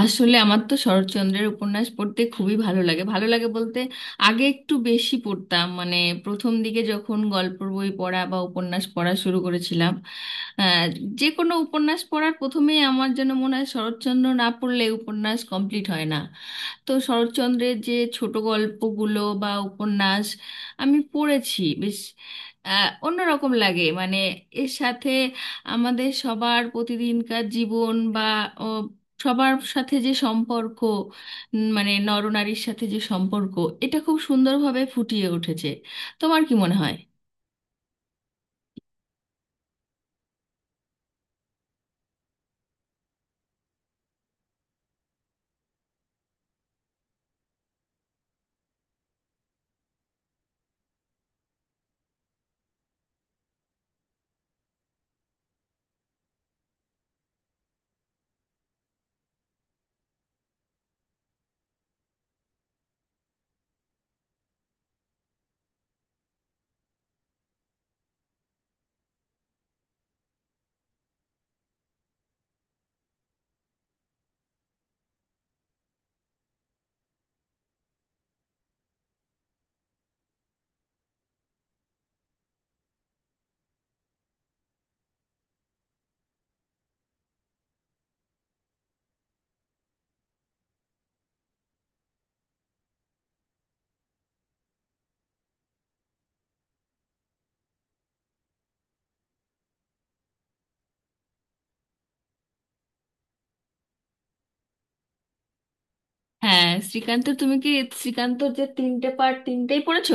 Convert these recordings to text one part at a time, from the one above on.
আসলে আমার তো শরৎচন্দ্রের উপন্যাস পড়তে খুবই ভালো লাগে। ভালো লাগে বলতে আগে একটু বেশি পড়তাম, মানে প্রথম দিকে যখন গল্পের বই পড়া বা উপন্যাস পড়া শুরু করেছিলাম, আহ, যে কোনো উপন্যাস পড়ার প্রথমেই আমার যেন মনে হয় শরৎচন্দ্র না পড়লে উপন্যাস কমপ্লিট হয় না। তো শরৎচন্দ্রের যে ছোট গল্পগুলো বা উপন্যাস আমি পড়েছি বেশ অন্যরকম লাগে। মানে এর সাথে আমাদের সবার প্রতিদিনকার জীবন বা সবার সাথে যে সম্পর্ক, মানে নরনারীর সাথে যে সম্পর্ক, এটা খুব সুন্দরভাবে ফুটিয়ে উঠেছে। তোমার কি মনে হয়? হ্যাঁ, শ্রীকান্ত, তুমি কি শ্রীকান্তর যে তিনটে পার্ট তিনটেই পড়েছো?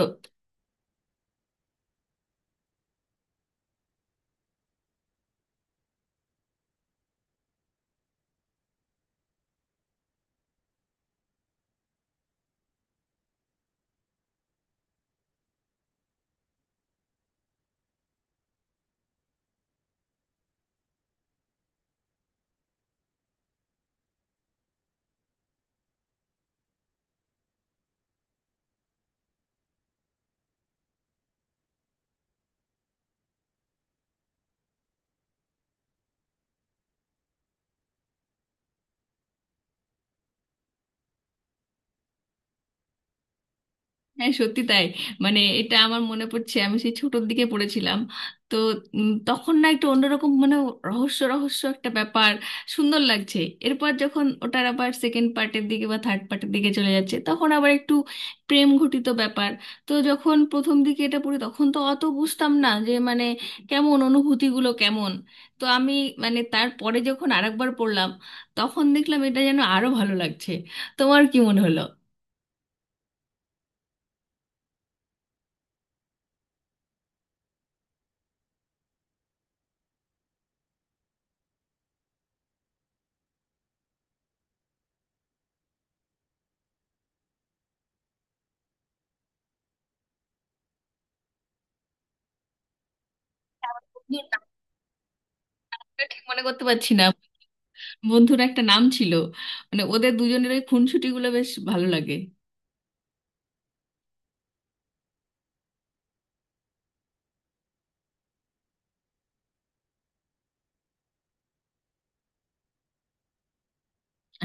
হ্যাঁ সত্যি তাই। মানে এটা আমার মনে পড়ছে, আমি সেই ছোটর দিকে পড়েছিলাম। তো তখন না একটু অন্যরকম, মানে রহস্য রহস্য একটা ব্যাপার, সুন্দর লাগছে। এরপর যখন ওটার আবার সেকেন্ড পার্টের দিকে বা থার্ড পার্টের দিকে চলে যাচ্ছে তখন আবার একটু প্রেম ঘটিত ব্যাপার। তো যখন প্রথম দিকে এটা পড়ি তখন তো অত বুঝতাম না যে মানে কেমন অনুভূতিগুলো কেমন। তো আমি, মানে তারপরে যখন আরেকবার পড়লাম তখন দেখলাম এটা যেন আরো ভালো লাগছে। তোমার কি মনে হলো? ঠিক মনে করতে পারছি না। বন্ধুর একটা নাম ছিল, মানে ওদের দুজনের ওই খুনসুটি গুলো বেশ ভালো লাগে।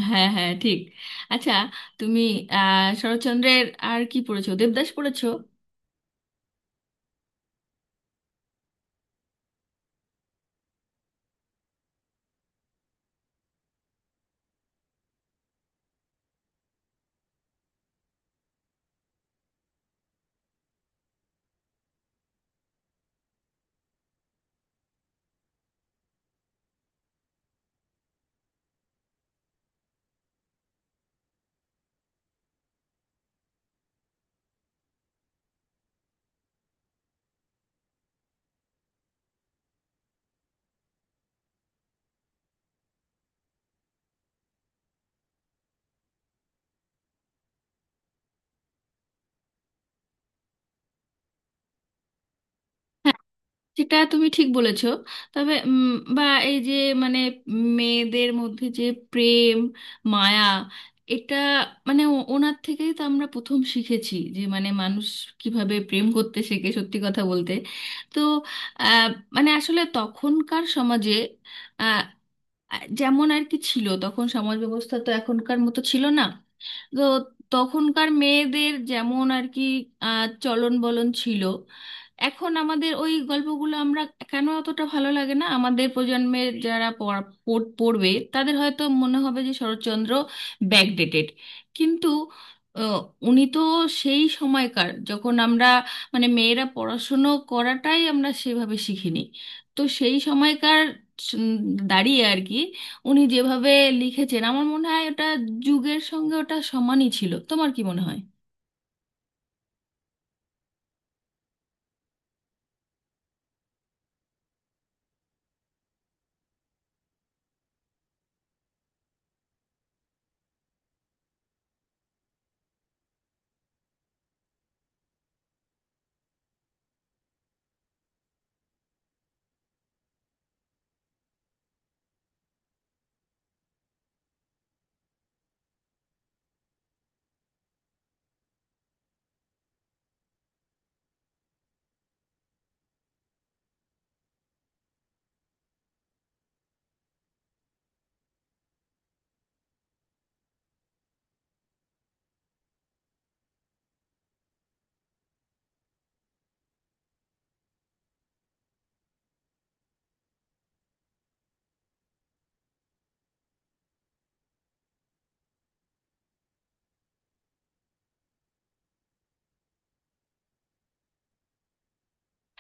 হ্যাঁ হ্যাঁ, ঠিক। আচ্ছা, তুমি শরৎচন্দ্রের আর কি পড়েছো? দেবদাস পড়েছো? সেটা তুমি ঠিক বলেছো। তবে বা এই যে মানে মেয়েদের মধ্যে যে প্রেম, মায়া, এটা মানে ওনার থেকেই তো আমরা প্রথম শিখেছি যে মানে মানুষ কিভাবে প্রেম করতে শেখে, সত্যি কথা বলতে। তো আহ, মানে আসলে তখনকার সমাজে যেমন আর কি ছিল, তখন সমাজ ব্যবস্থা তো এখনকার মতো ছিল না। তো তখনকার মেয়েদের যেমন আর কি চলন বলন ছিল, এখন আমাদের ওই গল্পগুলো আমরা কেন অতটা ভালো লাগে না, আমাদের প্রজন্মের যারা পড়বে তাদের হয়তো মনে হবে যে শরৎচন্দ্র ব্যাকডেটেড। কিন্তু আহ, উনি তো সেই সময়কার যখন আমরা মানে মেয়েরা পড়াশুনো করাটাই আমরা সেভাবে শিখিনি। তো সেই সময়কার স- উম দাঁড়িয়ে আর কি উনি যেভাবে লিখেছেন, আমার মনে হয় ওটা যুগের সঙ্গে ওটা সমানই ছিল। তোমার কি মনে হয়?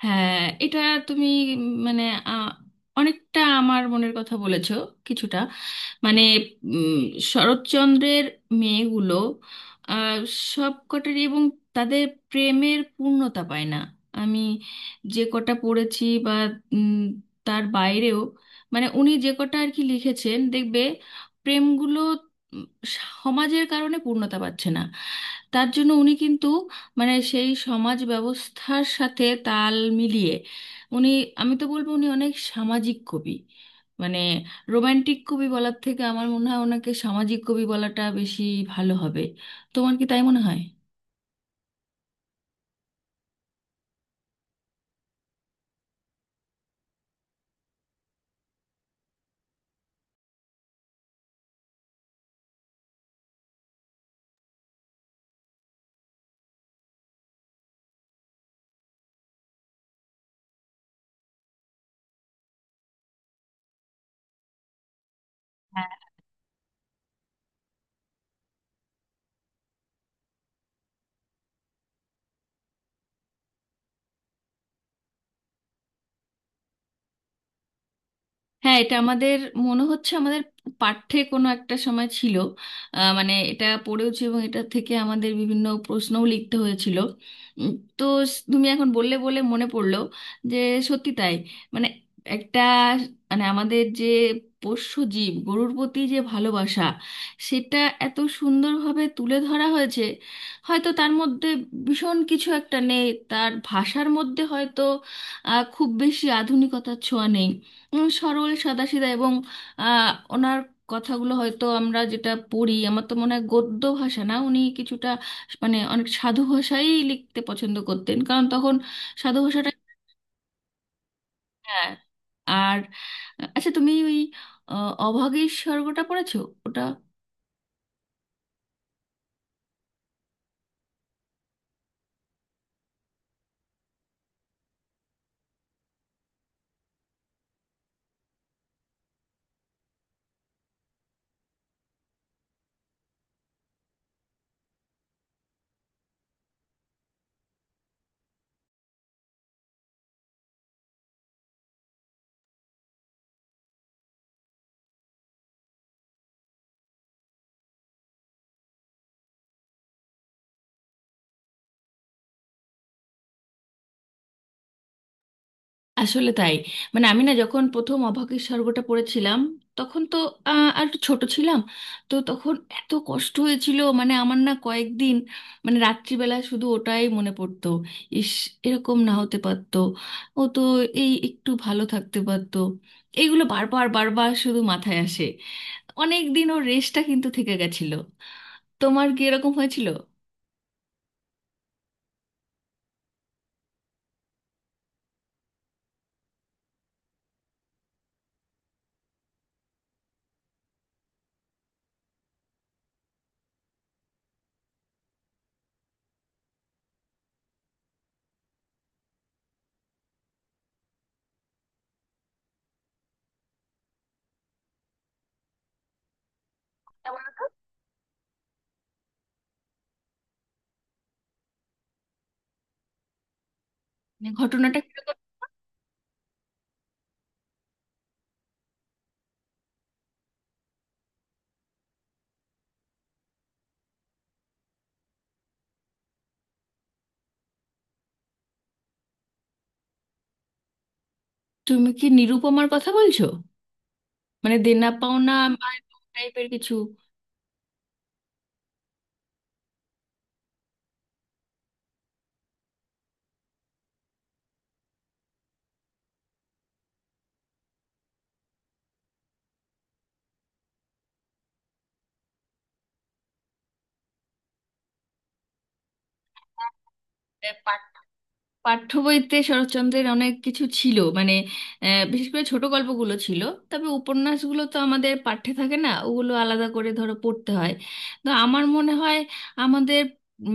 হ্যাঁ এটা, তুমি মানে আ, অনেকটা আমার মনের কথা বলেছো। কিছুটা মানে উম, শরৎচন্দ্রের মেয়েগুলো আ, সব কটারই এবং তাদের প্রেমের পূর্ণতা পায় না। আমি যে কটা পড়েছি বা উম, তার বাইরেও মানে উনি যে কটা আর কি লিখেছেন দেখবে প্রেমগুলো উম, সমাজের কারণে পূর্ণতা পাচ্ছে না। তার জন্য উনি কিন্তু মানে সেই সমাজ ব্যবস্থার সাথে তাল মিলিয়ে উনি, আমি তো বলবো উনি অনেক সামাজিক কবি। মানে রোমান্টিক কবি বলার থেকে আমার মনে হয় ওনাকে সামাজিক কবি বলাটা বেশি ভালো হবে। তোমার কি তাই মনে হয়? হ্যাঁ এটা আমাদের, মনে হচ্ছে আমাদের পাঠ্যে কোনো একটা সময় ছিল। মানে এটা পড়েওছি এবং এটা থেকে আমাদের বিভিন্ন প্রশ্নও লিখতে হয়েছিল। উম, তো তুমি এখন বললে বলে মনে পড়লো যে সত্যি তাই। মানে একটা, মানে আমাদের যে পোষ্য জীব গরুর প্রতি যে ভালোবাসা, সেটা এত সুন্দরভাবে তুলে ধরা হয়েছে। হয়তো তার মধ্যে ভীষণ কিছু একটা নেই, তার ভাষার মধ্যে হয়তো খুব বেশি আধুনিকতার ছোঁয়া নেই। সরল সাদাসিধা এবং আহ, ওনার কথাগুলো হয়তো আমরা যেটা পড়ি, আমার তো মনে হয় গদ্য ভাষা না, উনি কিছুটা মানে অনেক সাধু ভাষাই লিখতে পছন্দ করতেন, কারণ তখন সাধু ভাষাটা। হ্যাঁ। আর আচ্ছা, তুমি ওই অভাগীর স্বর্গটা পড়েছো? ওটা আসলে তাই। মানে আমি না যখন প্রথম অভাগীর স্বর্গটা পড়েছিলাম তখন তো আর একটু ছোট ছিলাম। তো তখন এত কষ্ট হয়েছিল, মানে আমার না কয়েকদিন, মানে রাত্রিবেলা শুধু ওটাই মনে পড়তো। ইস, এরকম না হতে পারতো, ও তো এই একটু ভালো থাকতে পারতো, এইগুলো বারবার বারবার শুধু মাথায় আসে। অনেক দিন ওর রেশটা কিন্তু থেকে গেছিল। তোমার কি এরকম হয়েছিল? মানে ঘটনাটা কিরকম? তুমি কি নিরুপমার কথা বলছো, মানে দেনা পাওনা টাইপের কিছু? এ পাঠ- পাঠ্য বইতে শরৎচন্দ্রের অনেক কিছু ছিল, মানে বিশেষ করে ছোট গল্পগুলো ছিল। তবে উপন্যাসগুলো তো আমাদের পাঠ্যে থাকে না, ওগুলো আলাদা করে ধরো পড়তে হয়। তো আমার মনে হয় আমাদের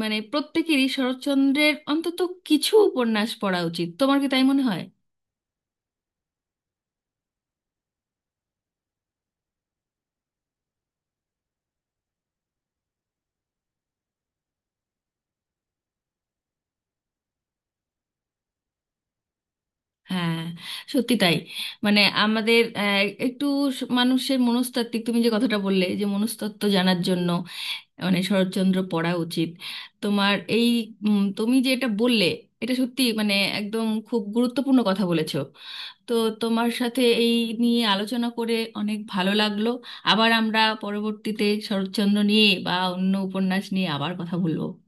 মানে প্রত্যেকেরই শরৎচন্দ্রের অন্তত কিছু উপন্যাস পড়া উচিত। তোমার কি তাই মনে হয়? হ্যাঁ সত্যি তাই। মানে আমাদের একটু মানুষের মনস্তাত্ত্বিক, তুমি যে কথাটা বললে যে মনস্তত্ত্ব জানার জন্য মানে শরৎচন্দ্র পড়া উচিত, তোমার এই তুমি যেটা বললে এটা সত্যি, মানে একদম খুব গুরুত্বপূর্ণ কথা বলেছো। তো তোমার সাথে এই নিয়ে আলোচনা করে অনেক ভালো লাগলো। আবার আমরা পরবর্তীতে শরৎচন্দ্র নিয়ে বা অন্য উপন্যাস নিয়ে আবার কথা বলবো।